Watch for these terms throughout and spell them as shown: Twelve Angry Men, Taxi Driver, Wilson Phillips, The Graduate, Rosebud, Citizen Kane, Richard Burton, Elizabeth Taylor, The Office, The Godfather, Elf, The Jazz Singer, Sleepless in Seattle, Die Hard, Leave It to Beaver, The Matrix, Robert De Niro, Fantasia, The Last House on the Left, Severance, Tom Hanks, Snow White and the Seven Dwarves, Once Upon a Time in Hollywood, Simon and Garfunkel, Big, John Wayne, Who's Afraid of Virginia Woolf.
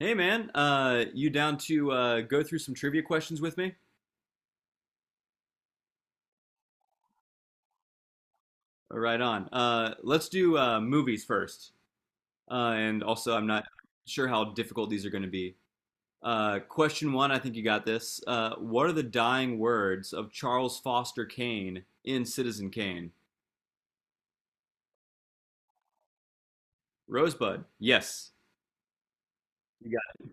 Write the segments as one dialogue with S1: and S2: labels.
S1: Hey man, you down to go through some trivia questions with me? Right on. Let's do movies first. And also, I'm not sure how difficult these are going to be. Question one, I think you got this. What are the dying words of Charles Foster Kane in Citizen Kane? Rosebud. Yes. You got it.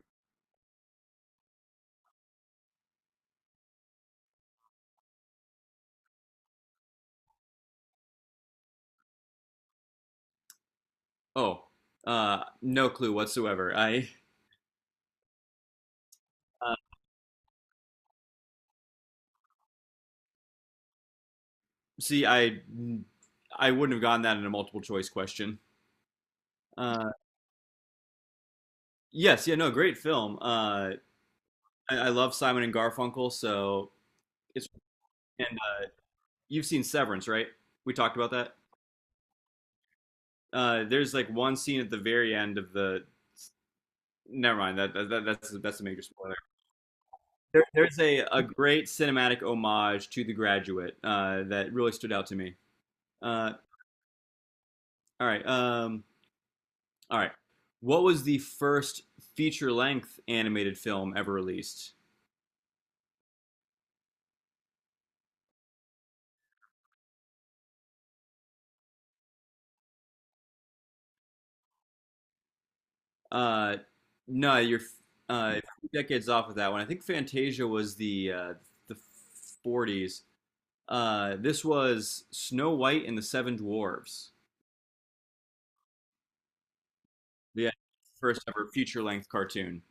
S1: Oh, no clue whatsoever. I uh, See. I wouldn't have gotten that in a multiple choice question. Uh, yes. Yeah. No. Great film. I love Simon and Garfunkel, so it's and you've seen Severance, right? We talked about that. There's like one scene at the very end of the. Never mind. That's a major spoiler. There's a great cinematic homage to The Graduate that really stood out to me. Uh, all right. All right. What was the first feature length animated film ever released? Uh, no, you're uh, decades off with that one. I think Fantasia was the 40s. This was Snow White and the Seven Dwarves, the first ever feature length cartoon.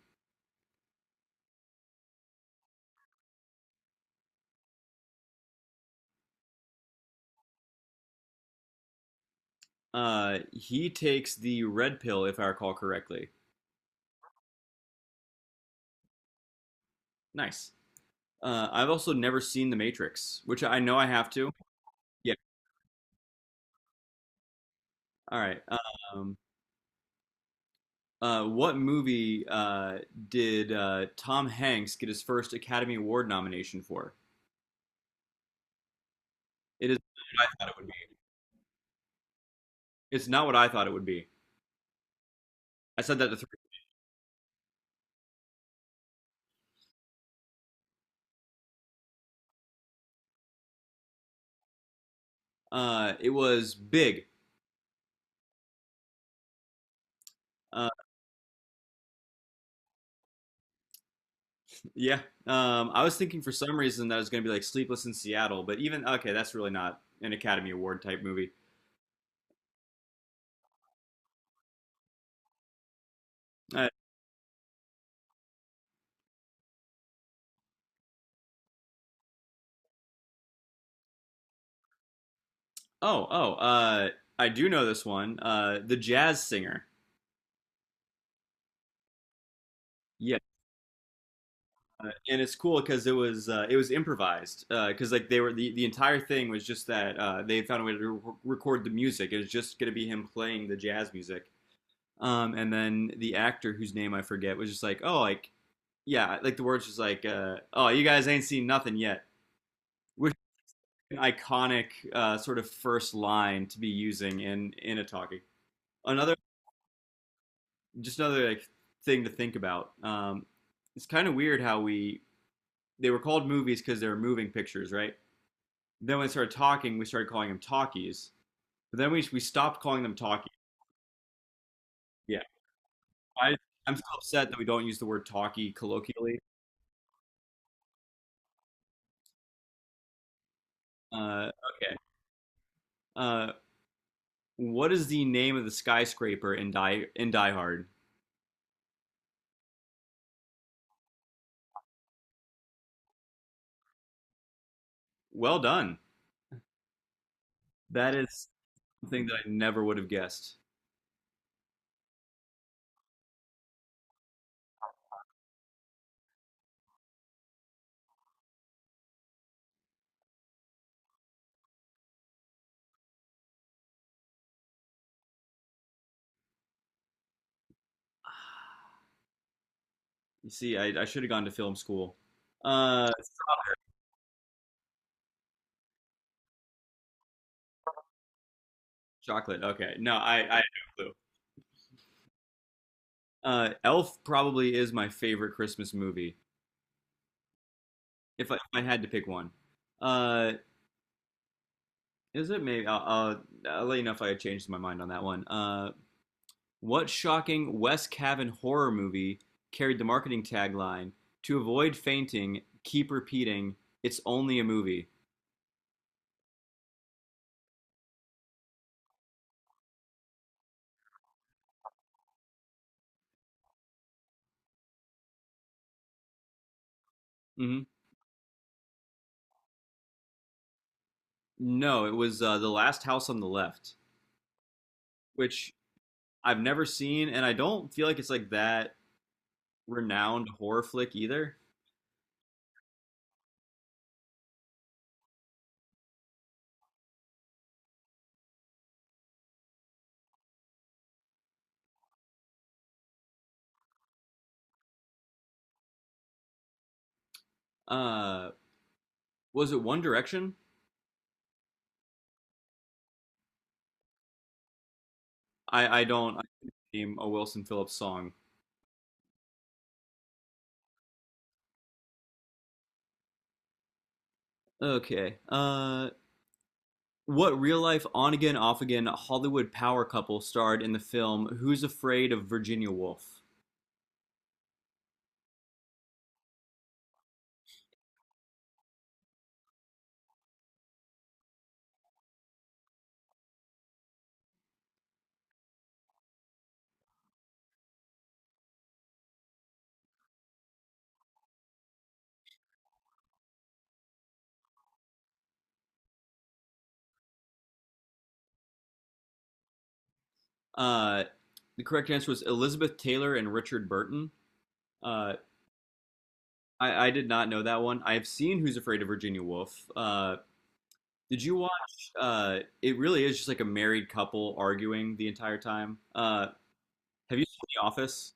S1: He takes the red pill, if I recall correctly. Nice. I've also never seen The Matrix, which I know I have to. Yeah. All right. Um, what movie did Tom Hanks get his first Academy Award nomination for? It is not what I thought it would be. It's not what I thought it would be. I said that to three. It was Big. Uh, Yeah. I was thinking for some reason that it was going to be like Sleepless in Seattle, but even okay, that's really not an Academy Award type movie. Uh, oh, oh, I do know this one. The Jazz Singer. Yeah, and it's cool because it was improvised because like the entire thing was just that they found a way to record the music. It was just going to be him playing the jazz music, and then the actor whose name I forget was just like, oh, like yeah, like the words just like, oh, you guys ain't seen nothing yet, iconic sort of first line to be using in a talkie. Another Just another like thing to think about. It's kind of weird how we they were called movies because they were moving pictures, right? Then when we started talking, we started calling them talkies. But then we stopped calling them talkies. Yeah, I, I'm still upset that we don't use the word talkie colloquially. Uh, okay. Uh, what is the name of the skyscraper in Die Hard? Well done. That is something that I never would have guessed. You see, I should have gone to film school. Uh, Chocolate. Okay, no, I have no clue. Elf probably is my favorite Christmas movie. If I had to pick one, uh, is it maybe? I'll let you know if I changed my mind on that one. What shocking West Cavan horror movie carried the marketing tagline "To avoid fainting, keep repeating, it's only a movie." hmm No, it was The Last House on the Left, which I've never seen, and I don't feel like it's like that renowned horror flick either. Uh, was it One Direction? I don't I name a Wilson Phillips song. Okay. What real life on again off again Hollywood power couple starred in the film Who's Afraid of Virginia Woolf? Uh, the correct answer was Elizabeth Taylor and Richard Burton. Uh, I did not know that one. I've seen Who's Afraid of Virginia Woolf. Did you watch? It really is just like a married couple arguing the entire time. Have you seen The Office?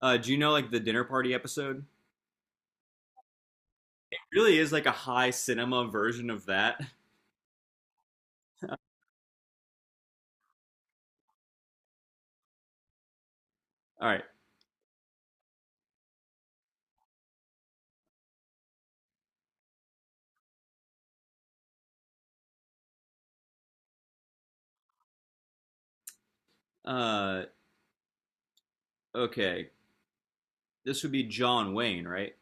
S1: Do you know like the dinner party episode? Really is like a high cinema version of that. All right. Uh, okay. This would be John Wayne, right?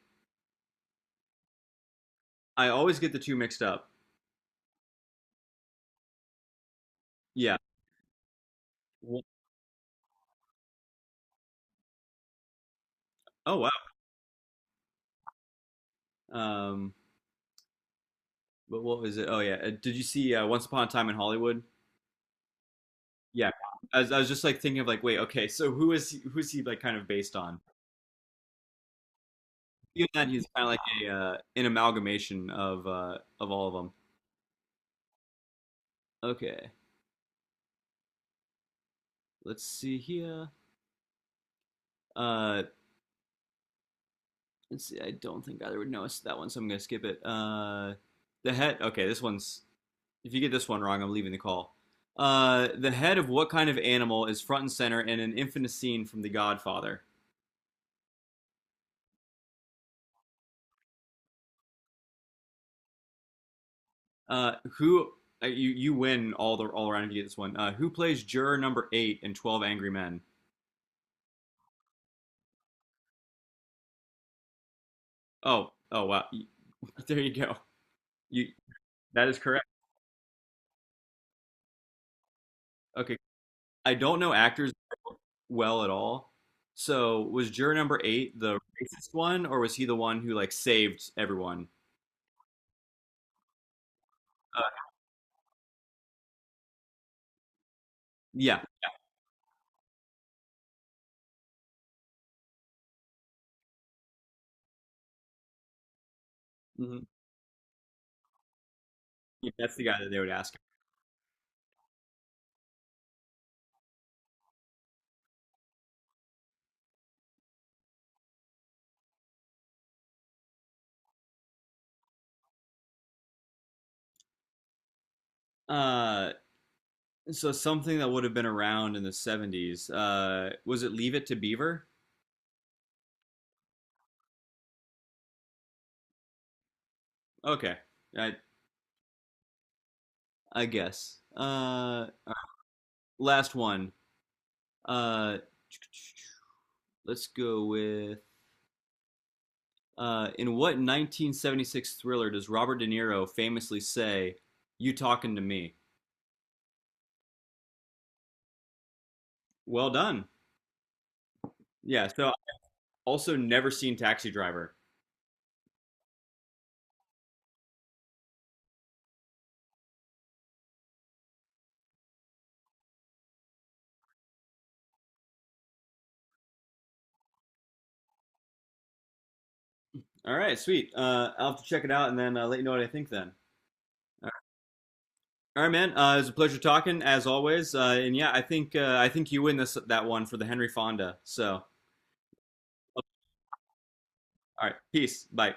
S1: I always get the two mixed up. Yeah. Wh- Oh wow. Um, but what was it? Oh yeah. Did you see Once Upon a Time in Hollywood? Yeah. I was just like thinking of like, wait, okay, so who's he like kind of based on? Even then, he's kind of like a an amalgamation of of all of them. Okay. Let's see here. Uh, Let's see, I don't think either would notice that one, so I'm gonna skip it. The head. Okay. this one's. If you get this one wrong, I'm leaving the call. The head of what kind of animal is front and center in an infamous scene from The Godfather? Who You win all around if you get this one. Who plays juror number 8 in 12 Angry Men? Oh, oh wow, there you go. You That is correct. Okay, I don't know actors well at all. So was juror number 8 the racist one, or was he the one who like saved everyone? Uh, yeah. hmm yeah, that's the guy that they would ask. Uh, so something that would have been around in the 70s. Was it Leave It to Beaver? Okay, I I guess. Right, last one. Uh, let's go with. In what 1976 thriller does Robert De Niro famously say, "You talking to me"? Well done. Yeah, so also never seen Taxi Driver. All right, sweet. I'll have to check it out and then let you know what I think then. All right. All right, man. It was a pleasure talking as always. And yeah, I think you win this that one for the Henry Fonda. So, all right, peace. Bye.